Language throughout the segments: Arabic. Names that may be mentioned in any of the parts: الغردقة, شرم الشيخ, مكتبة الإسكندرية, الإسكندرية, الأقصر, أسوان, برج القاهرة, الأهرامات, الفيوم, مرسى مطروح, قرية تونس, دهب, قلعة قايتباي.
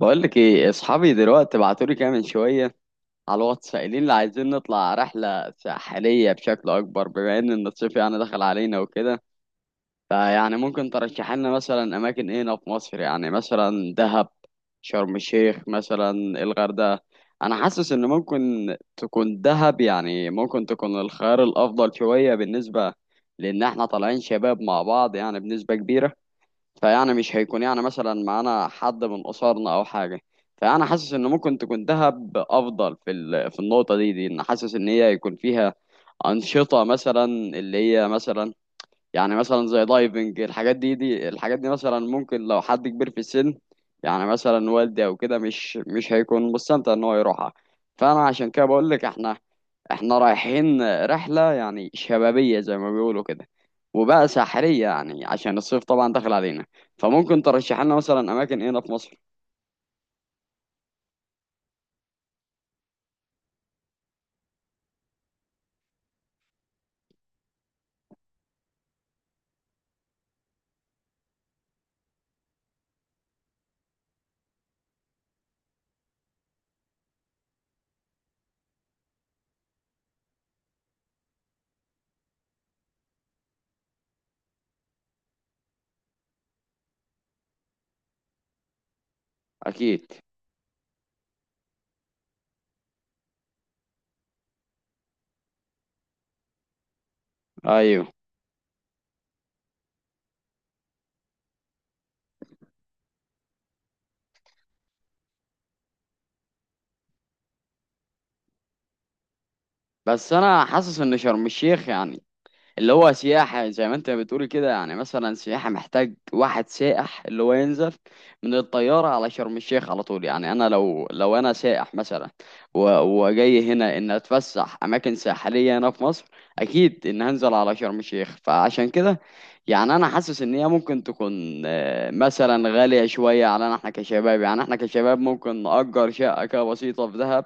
بقول لك ايه، اصحابي دلوقتي بعتولي كده من شويه على الواتس قايلين لي عايزين نطلع رحله ساحليه بشكل اكبر بما ان الصيف يعني دخل علينا وكده. فيعني ممكن ترشح لنا مثلا اماكن ايه هنا في مصر؟ يعني مثلا دهب، شرم الشيخ مثلا، الغردقه. انا حاسس ان ممكن تكون دهب، يعني ممكن تكون الخيار الافضل شويه بالنسبه لان احنا طالعين شباب مع بعض يعني بنسبه كبيره. فيعني مش هيكون يعني مثلا معانا حد من قصارنا او حاجه. فانا حاسس ان ممكن تكون دهب افضل في النقطه دي ان حاسس ان هي يكون فيها انشطه، مثلا اللي هي مثلا يعني مثلا زي دايفنج. الحاجات دي الحاجات دي مثلا، ممكن لو حد كبير في السن يعني مثلا والدي او كده مش هيكون مستمتع ان هو يروحها. فانا عشان كده بقول لك احنا رايحين رحلة يعني شبابية زي ما بيقولوا كده، وبقى ساحرية يعني عشان الصيف طبعا داخل علينا. فممكن ترشح لنا مثلا أماكن هنا في مصر؟ أكيد. أيوه. بس أنا حاسس إن شرم الشيخ يعني اللي هو سياحة زي ما انت بتقول كده، يعني مثلا سياحة محتاج واحد سائح اللي هو ينزل من الطيارة على شرم الشيخ على طول. يعني انا لو انا سائح مثلا وجاي هنا ان اتفسح اماكن ساحلية هنا في مصر، اكيد ان هنزل على شرم الشيخ. فعشان كده يعني انا حاسس ان هي ممكن تكون مثلا غالية شوية علينا احنا كشباب. يعني احنا كشباب ممكن نأجر شقة كده بسيطة في دهب،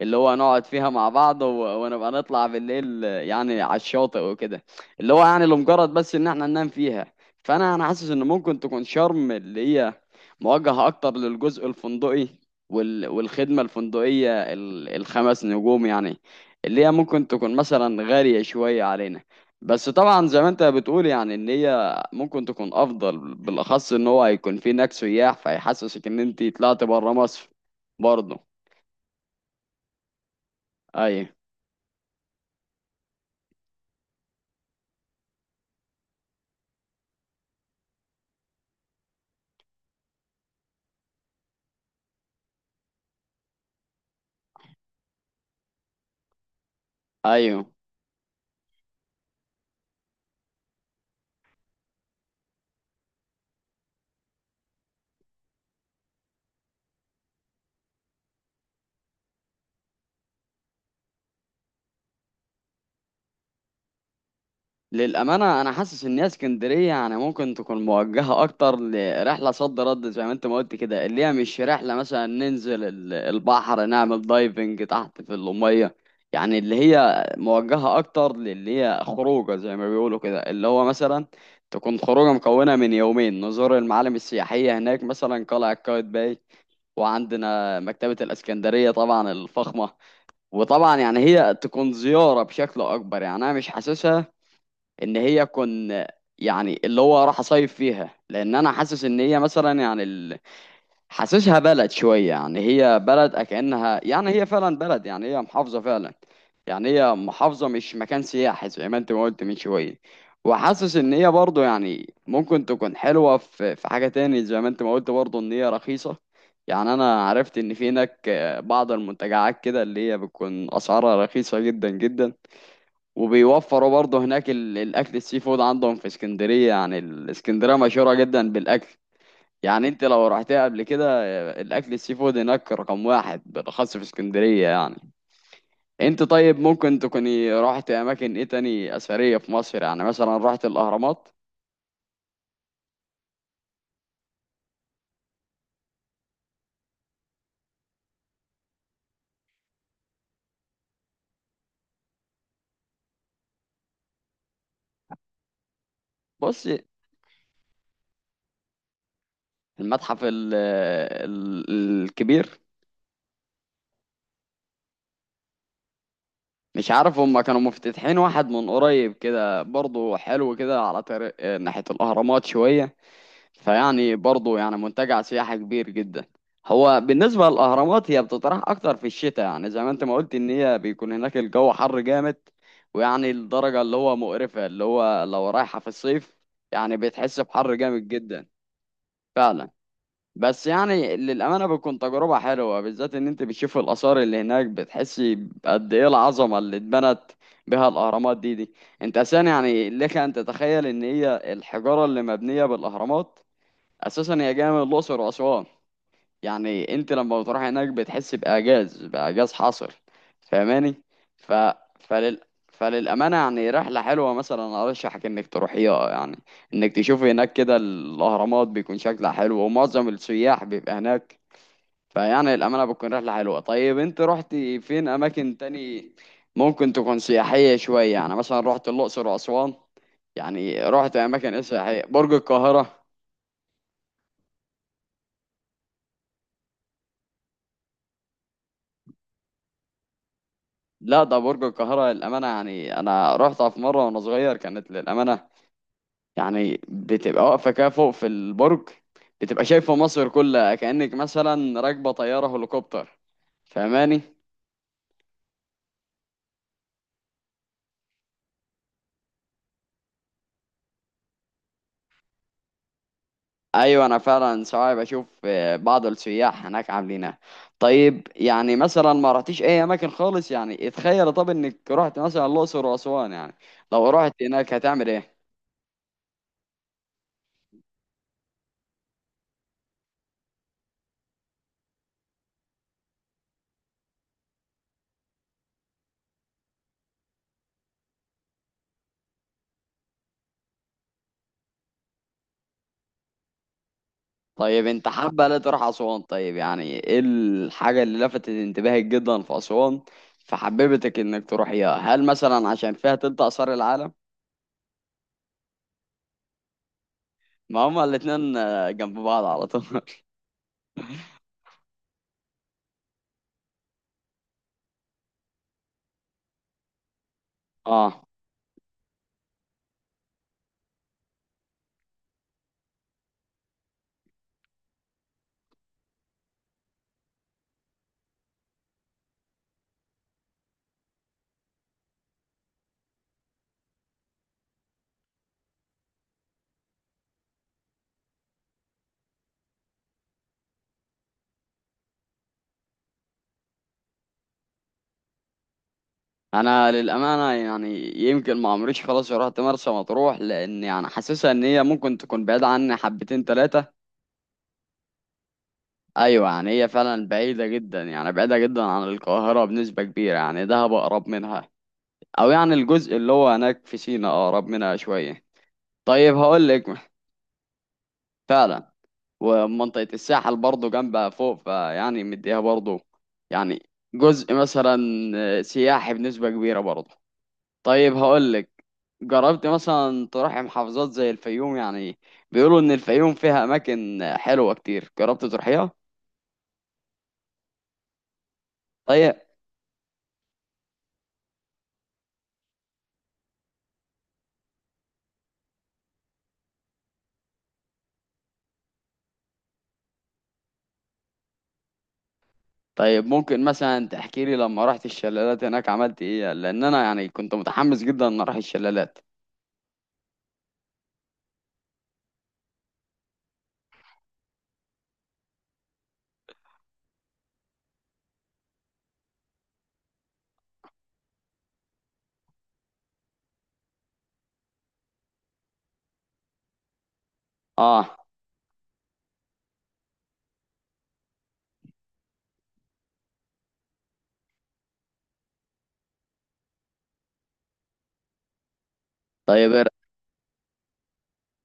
اللي هو نقعد فيها مع بعض ونبقى نطلع بالليل يعني على الشاطئ وكده، اللي هو يعني لمجرد بس ان احنا ننام فيها. فانا حاسس ان ممكن تكون شرم اللي هي موجهة اكتر للجزء الفندقي والخدمة الفندقية الخمس نجوم، يعني اللي هي ممكن تكون مثلا غالية شوية علينا. بس طبعا زي ما انت بتقول يعني ان هي ممكن تكون افضل، بالاخص ان هو هيكون في هناك سياح فيحسسك ان انت طلعت بره مصر برضه. ايوه. ايوه، للأمانة أنا حاسس إن هي اسكندرية يعني ممكن تكون موجهة أكتر لرحلة صد رد زي ما أنت ما قلت كده، اللي هي مش رحلة مثلا ننزل البحر نعمل دايفنج تحت في المية. يعني اللي هي موجهة أكتر للي هي خروجة زي ما بيقولوا كده، اللي هو مثلا تكون خروجة مكونة من يومين نزور المعالم السياحية هناك، مثلا قلعة قايتباي، وعندنا مكتبة الإسكندرية طبعا الفخمة. وطبعا يعني هي تكون زيارة بشكل أكبر، يعني أنا مش حاسسها ان هي كن يعني اللي هو راح اصيف فيها، لان انا حاسس ان هي مثلا يعني حاسسها بلد شويه، يعني هي بلد كأنها يعني هي فعلا بلد، يعني هي محافظه فعلا. يعني هي محافظه مش مكان سياحي زي ما انت ما قلت من شويه. وحاسس ان هي برضه يعني ممكن تكون حلوه في حاجه تاني زي ما انت ما قلت برضه ان هي رخيصه. يعني انا عرفت ان في هناك بعض المنتجعات كده اللي هي بتكون اسعارها رخيصه جدا جدا، وبيوفروا برضه هناك الاكل السي فود عندهم في اسكندريه. يعني الاسكندريه مشهوره جدا بالاكل، يعني انت لو رحتها قبل كده الاكل السي فود هناك رقم واحد بالاخص في اسكندريه. يعني انت طيب ممكن تكوني رحت اماكن ايه تاني اثريه في مصر؟ يعني مثلا رحت الاهرامات؟ بص، المتحف ال الكبير. مش عارف هما كانوا مفتتحين واحد من قريب كده برضه حلو كده على طريق ناحيه الاهرامات شويه، فيعني برضه يعني منتجع سياحي كبير جدا. هو بالنسبة للأهرامات هي بتطرح أكتر في الشتاء، يعني زي ما أنت ما قلت إن هي بيكون هناك الجو حر جامد، ويعني الدرجة اللي هو مقرفة اللي هو لو رايحة في الصيف. يعني بتحس بحر جامد جدا. فعلا. بس يعني للأمانة بتكون تجربة حلوة، بالذات إن أنت بتشوف الآثار اللي هناك، بتحسي قد إيه العظمة اللي اتبنت بها الأهرامات دي. أنت أساسا يعني لك أن تتخيل إن هي الحجارة اللي مبنية بالأهرامات اساسا هي جايه من الاقصر واسوان. يعني انت لما بتروح هناك بتحس باعجاز حاصل، فاهماني؟ ف فلل... فللامانه يعني رحله حلوه، مثلا ارشحك انك تروحيها، يعني انك تشوفي هناك كده الاهرامات بيكون شكلها حلو ومعظم السياح بيبقى هناك. فيعني الامانه بتكون رحله حلوه. طيب انت رحتي فين اماكن تاني ممكن تكون سياحيه شويه؟ يعني مثلا رحت الاقصر واسوان؟ يعني رحت اماكن إيه سياحيه؟ برج القاهره؟ لا، ده برج القاهرة للأمانة، يعني أنا رحتها في مرة وأنا صغير كانت للأمانة، يعني بتبقى واقفة كده فوق في البرج بتبقى شايفة مصر كلها كأنك مثلا راكبة طيارة هليكوبتر، فاهماني؟ أيوة أنا فعلا ساعات بشوف بعض السياح هناك عاملينها. طيب يعني مثلا ما رحتيش أي أماكن خالص؟ يعني اتخيل طب إنك رحت مثلا الأقصر وأسوان، يعني لو رحت هناك هتعمل إيه؟ طيب انت حابة لا تروح أسوان، طيب يعني ايه الحاجة اللي لفتت انتباهك جدا في أسوان فحببتك انك تروحيها؟ هل مثلا عشان فيها تلت آثار العالم؟ ما هما الاتنين جنب بعض على طول. اه، انا للأمانة يعني يمكن ما عمريش خلاص رحت مرسى مطروح، لان يعني حاسسها ان هي ممكن تكون بعيدة عني حبتين تلاتة. ايوه، يعني هي فعلا بعيدة جدا، يعني بعيدة جدا عن القاهرة بنسبة كبيرة، يعني دهب أقرب منها، او يعني الجزء اللي هو هناك في سينا أقرب منها شوية. طيب هقول لك. فعلا. ومنطقة الساحل برضه جنبها فوق فيعني مديها برضه يعني جزء مثلا سياحي بنسبة كبيرة برضه. طيب هقول لك، جربت مثلا تروح محافظات زي الفيوم؟ يعني بيقولوا إن الفيوم فيها أماكن حلوة كتير، جربت تروحيها؟ طيب. طيب ممكن مثلا تحكي لي لما رحت الشلالات هناك عملت إيه؟ لأن أنا يعني كنت متحمس جدا إن أروح الشلالات. آه. طيب،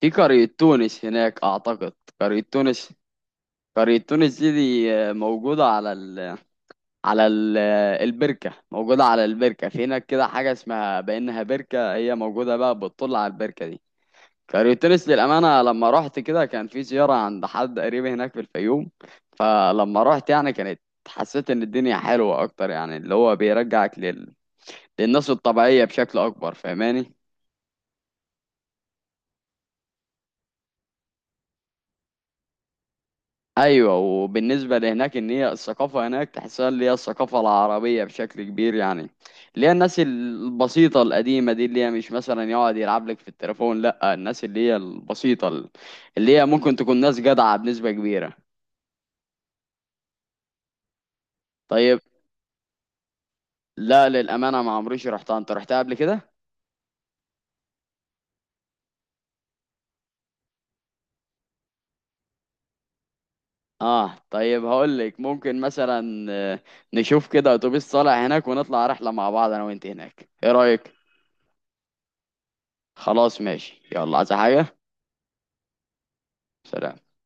في قرية تونس هناك أعتقد. قرية تونس. قرية تونس دي موجودة على على ال البركة، موجودة على البركة، في هناك كده حاجة اسمها بأنها بركة، هي موجودة بقى بتطل على البركة دي. قرية تونس للأمانة لما رحت كده كان في زيارة عند حد قريب هناك في الفيوم، فلما رحت يعني كانت حسيت إن الدنيا حلوة أكتر، يعني اللي هو بيرجعك للناس الطبيعية بشكل أكبر، فاهماني؟ ايوه، وبالنسبه لهناك ان هي الثقافه هناك تحسها اللي هي الثقافه العربيه بشكل كبير، يعني اللي هي الناس البسيطه القديمه دي اللي هي مش مثلا يقعد يلعب لك في التليفون، لا، الناس اللي هي البسيطه اللي هي ممكن تكون ناس جدعه بنسبه كبيره. طيب. لا للامانه ما عمريش رحتها، انت رحتها قبل كده؟ اه، طيب هقول لك، ممكن مثلا نشوف كده اتوبيس طالع هناك ونطلع رحله مع بعض انا وانت هناك، ايه رايك؟ خلاص ماشي، يلا عايز حاجه؟ سلام.